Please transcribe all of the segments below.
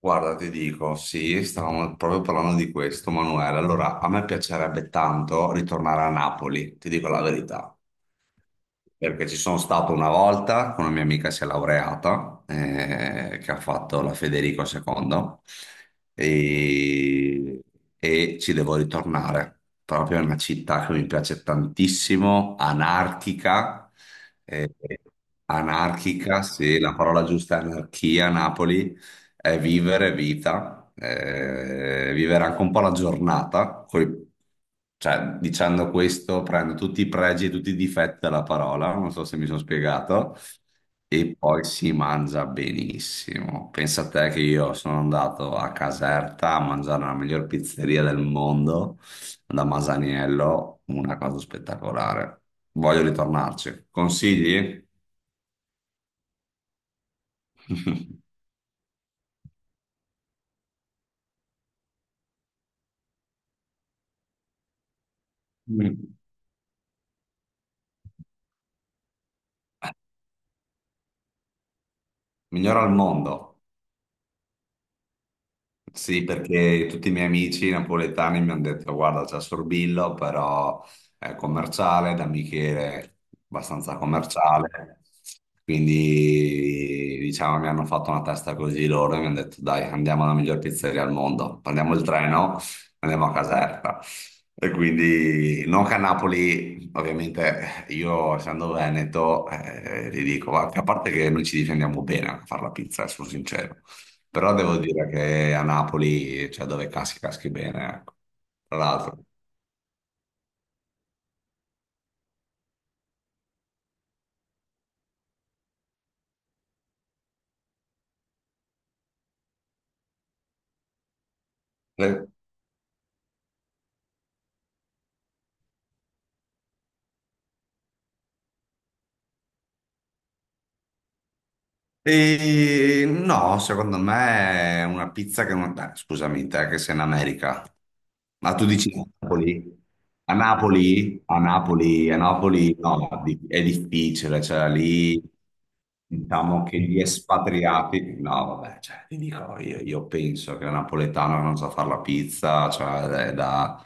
Guarda, ti dico, sì, stavamo proprio parlando di questo, Manuele. Allora, a me piacerebbe tanto ritornare a Napoli, ti dico la verità, perché ci sono stato una volta con una mia amica si è laureata, che ha fatto la Federico II, e, e ci devo ritornare. Proprio è una città che mi piace tantissimo, anarchica, eh, anarchica, sì, la parola giusta è anarchia, Napoli è vivere vita, vivere anche un po' la giornata, cioè dicendo questo prendo tutti i pregi e tutti i difetti della parola, non so se mi sono spiegato, e poi si mangia benissimo. Pensa a te che io sono andato a Caserta a mangiare la miglior pizzeria del mondo, da Masaniello, una cosa spettacolare. Voglio ritornarci. Consigli? Mm. Migliora al mondo. Sì, perché tutti i miei amici napoletani mi hanno detto, guarda, c'è Sorbillo, però è commerciale, da Michele, abbastanza commerciale. Quindi, diciamo, mi hanno fatto una testa così loro e mi hanno detto, dai, andiamo alla miglior pizzeria al mondo, prendiamo il treno, andiamo a Caserta. E quindi, non che a Napoli, ovviamente, io essendo veneto, ti dico, a parte che noi ci difendiamo bene a fare la pizza, sono sincero. Però devo dire che a Napoli, cioè dove caschi, caschi bene, ecco. Tra l'altro. le- E no, secondo me è una pizza che non. Beh, scusami, te che sei in America. Ma tu dici Napoli? A Napoli? A Napoli, a Napoli no, è difficile, cioè lì diciamo che gli espatriati, no vabbè, cioè, ti dico, io penso che un napoletano non sa fare la pizza, cioè è da,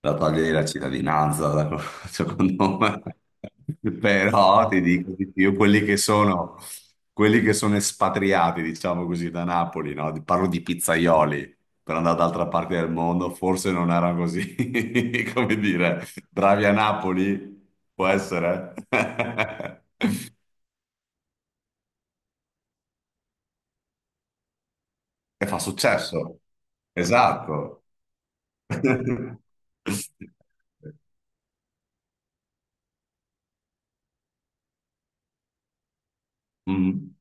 da togliere la cittadinanza, secondo me. Però ti dico di più, quelli che sono espatriati, diciamo così, da Napoli, no? Parlo di pizzaioli per andare d'altra parte del mondo, forse non erano così, come dire, bravi a Napoli, può essere. E fa successo. Esatto. Mm.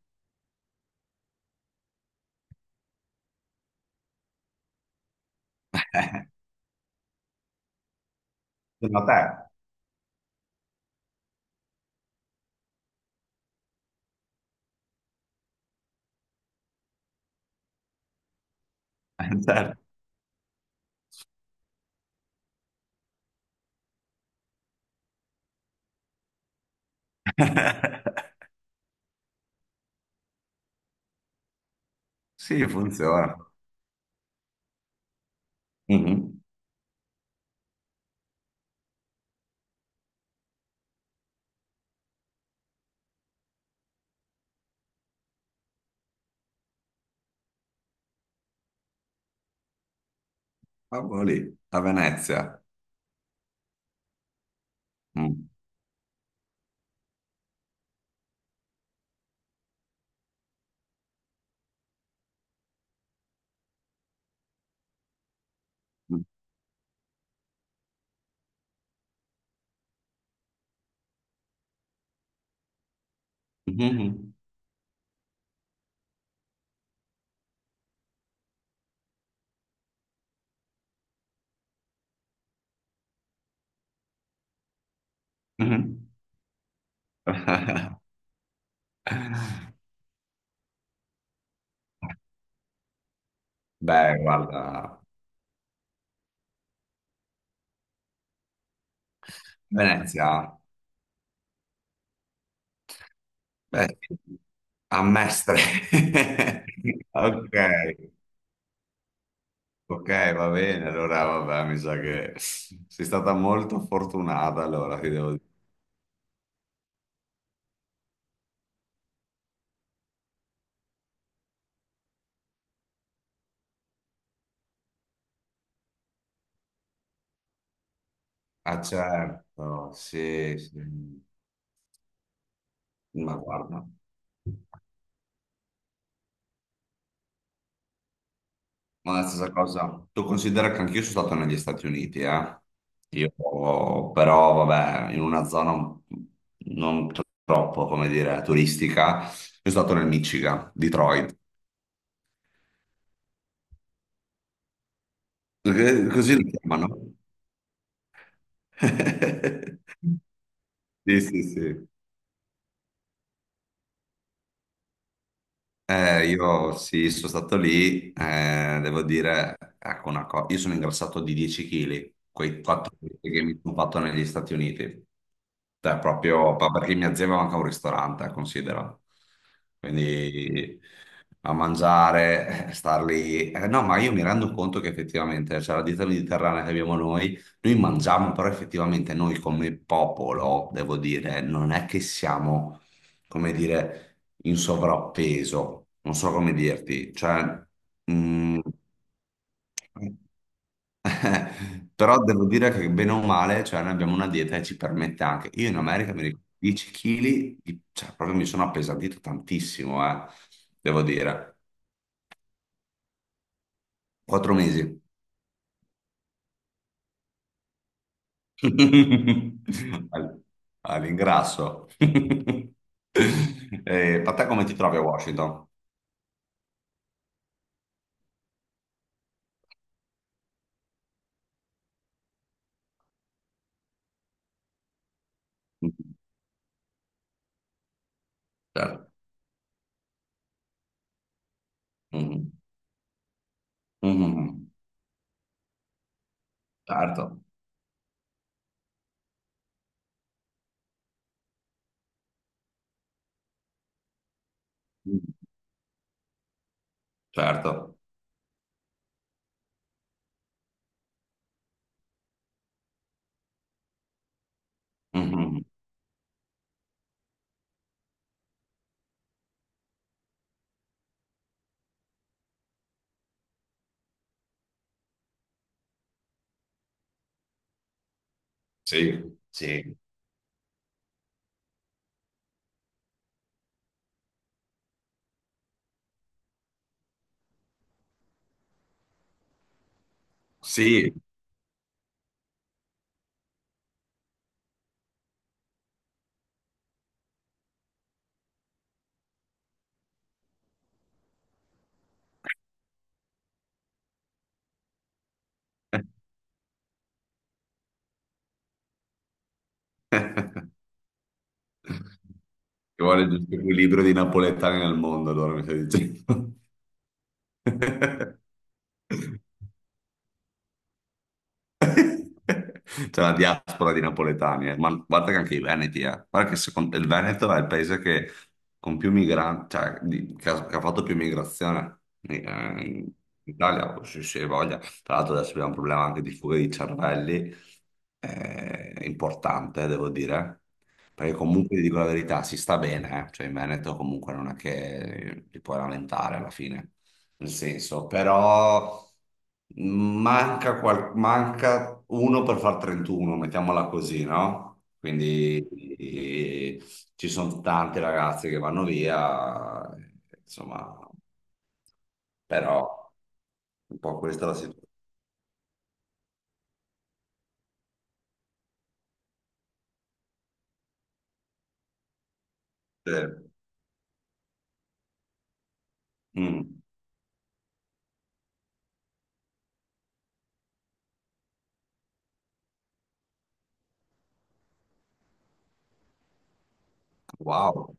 Sì. Ma te, eh, certo. Sì, funziona. Mhm. Ah, boh, lì, a Venezia. Mm. Mhm. Mhm. Beh, guarda, Venezia, beh, a Mestre. Ok, ok, va bene. Allora, vabbè, mi sa che sei stata molto fortunata, allora, ti devo dire. Ah, certo, sì, sì. Ma guarda, ma la stessa cosa. Tu considera che anch'io sono stato negli Stati Uniti, eh? Io, però, vabbè, in una zona non troppo, come dire, turistica. Io sono stato nel Michigan, Detroit. Perché così lo chiamano. Sì, sì, sì. Io sì, sono stato lì, devo dire, ecco una cosa, io sono ingrassato di 10 kg, quei 4 kg che mi sono fatto negli Stati Uniti, cioè proprio ma perché mia zia aveva anche un ristorante, considera, quindi a mangiare, star lì, eh, no, ma io mi rendo conto che effettivamente, cioè la dieta mediterranea che abbiamo noi, noi mangiamo, però effettivamente noi come popolo, devo dire, non è che siamo, come dire in sovrappeso, non so come dirti, cioè, mm, però devo dire che bene o male, cioè, noi abbiamo una dieta che ci permette anche, io in America mi ricordo 10 kg, cioè, proprio mi sono appesantito tantissimo, devo dire, 4 mesi. All- All'ingrasso. Ma te come ti trovi a Washington? Mm. Certo. Mhm. Mhm. Certo. Certo. Mhm. Sì. Sì. Sì. Ci vuole il giusto equilibrio di napoletani nel mondo, allora mi stai dicendo. C'è la diaspora di napoletani, eh. Ma guarda che anche i Veneti, eh. Guarda che il Veneto è il paese che, con più migranti, cioè, che ha fatto più migrazione in Italia, se si voglia. Tra l'altro adesso abbiamo un problema anche di fuga di cervelli, importante, devo dire. Perché comunque, ti dico la verità, si sta bene, eh. Cioè in Veneto comunque non è che ti puoi lamentare alla fine nel senso, però manca, manca uno per far 31, mettiamola così, no? Quindi eh, ci sono tante ragazze che vanno via, insomma, però un po' questa è la situazione. Mm. Wow.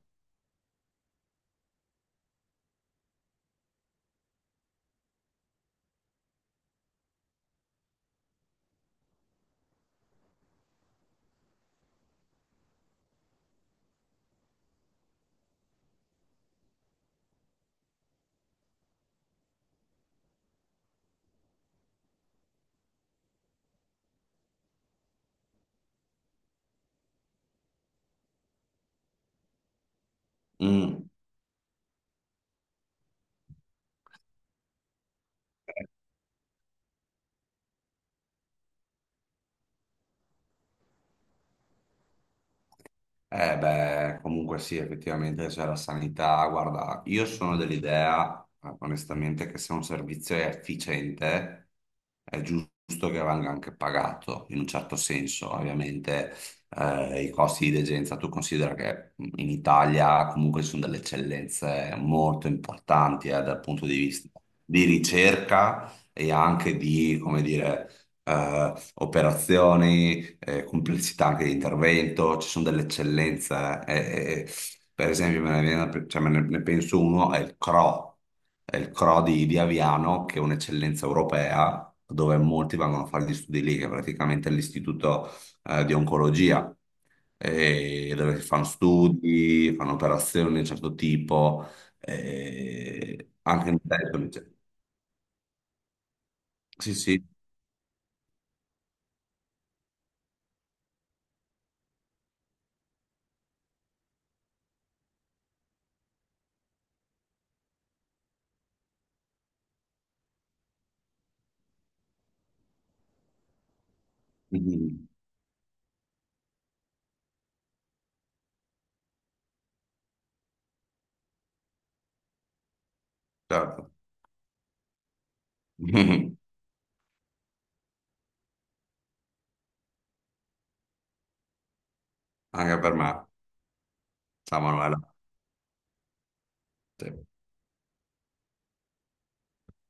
Mm. Eh beh, comunque sì, effettivamente c'è la sanità. Guarda, io sono dell'idea, onestamente, che se un servizio è efficiente, è giusto che venga anche pagato, in un certo senso. Ovviamente, i costi di degenza, tu considera che in Italia comunque ci sono delle eccellenze molto importanti, dal punto di vista di ricerca e anche di, come dire, operazioni complessità anche di intervento, ci sono delle eccellenze. eh, eh, eh, per esempio, cioè, ne penso uno, è il CRO, di Aviano, che è un'eccellenza europea, dove molti vanno a fare gli studi lì, che è praticamente l'istituto di oncologia, dove si fanno studi, fanno operazioni di un certo tipo, anche in Italia, cioè. Sì, sì. Mhm. Certo. Anche per me, ciao Manuela. Sì.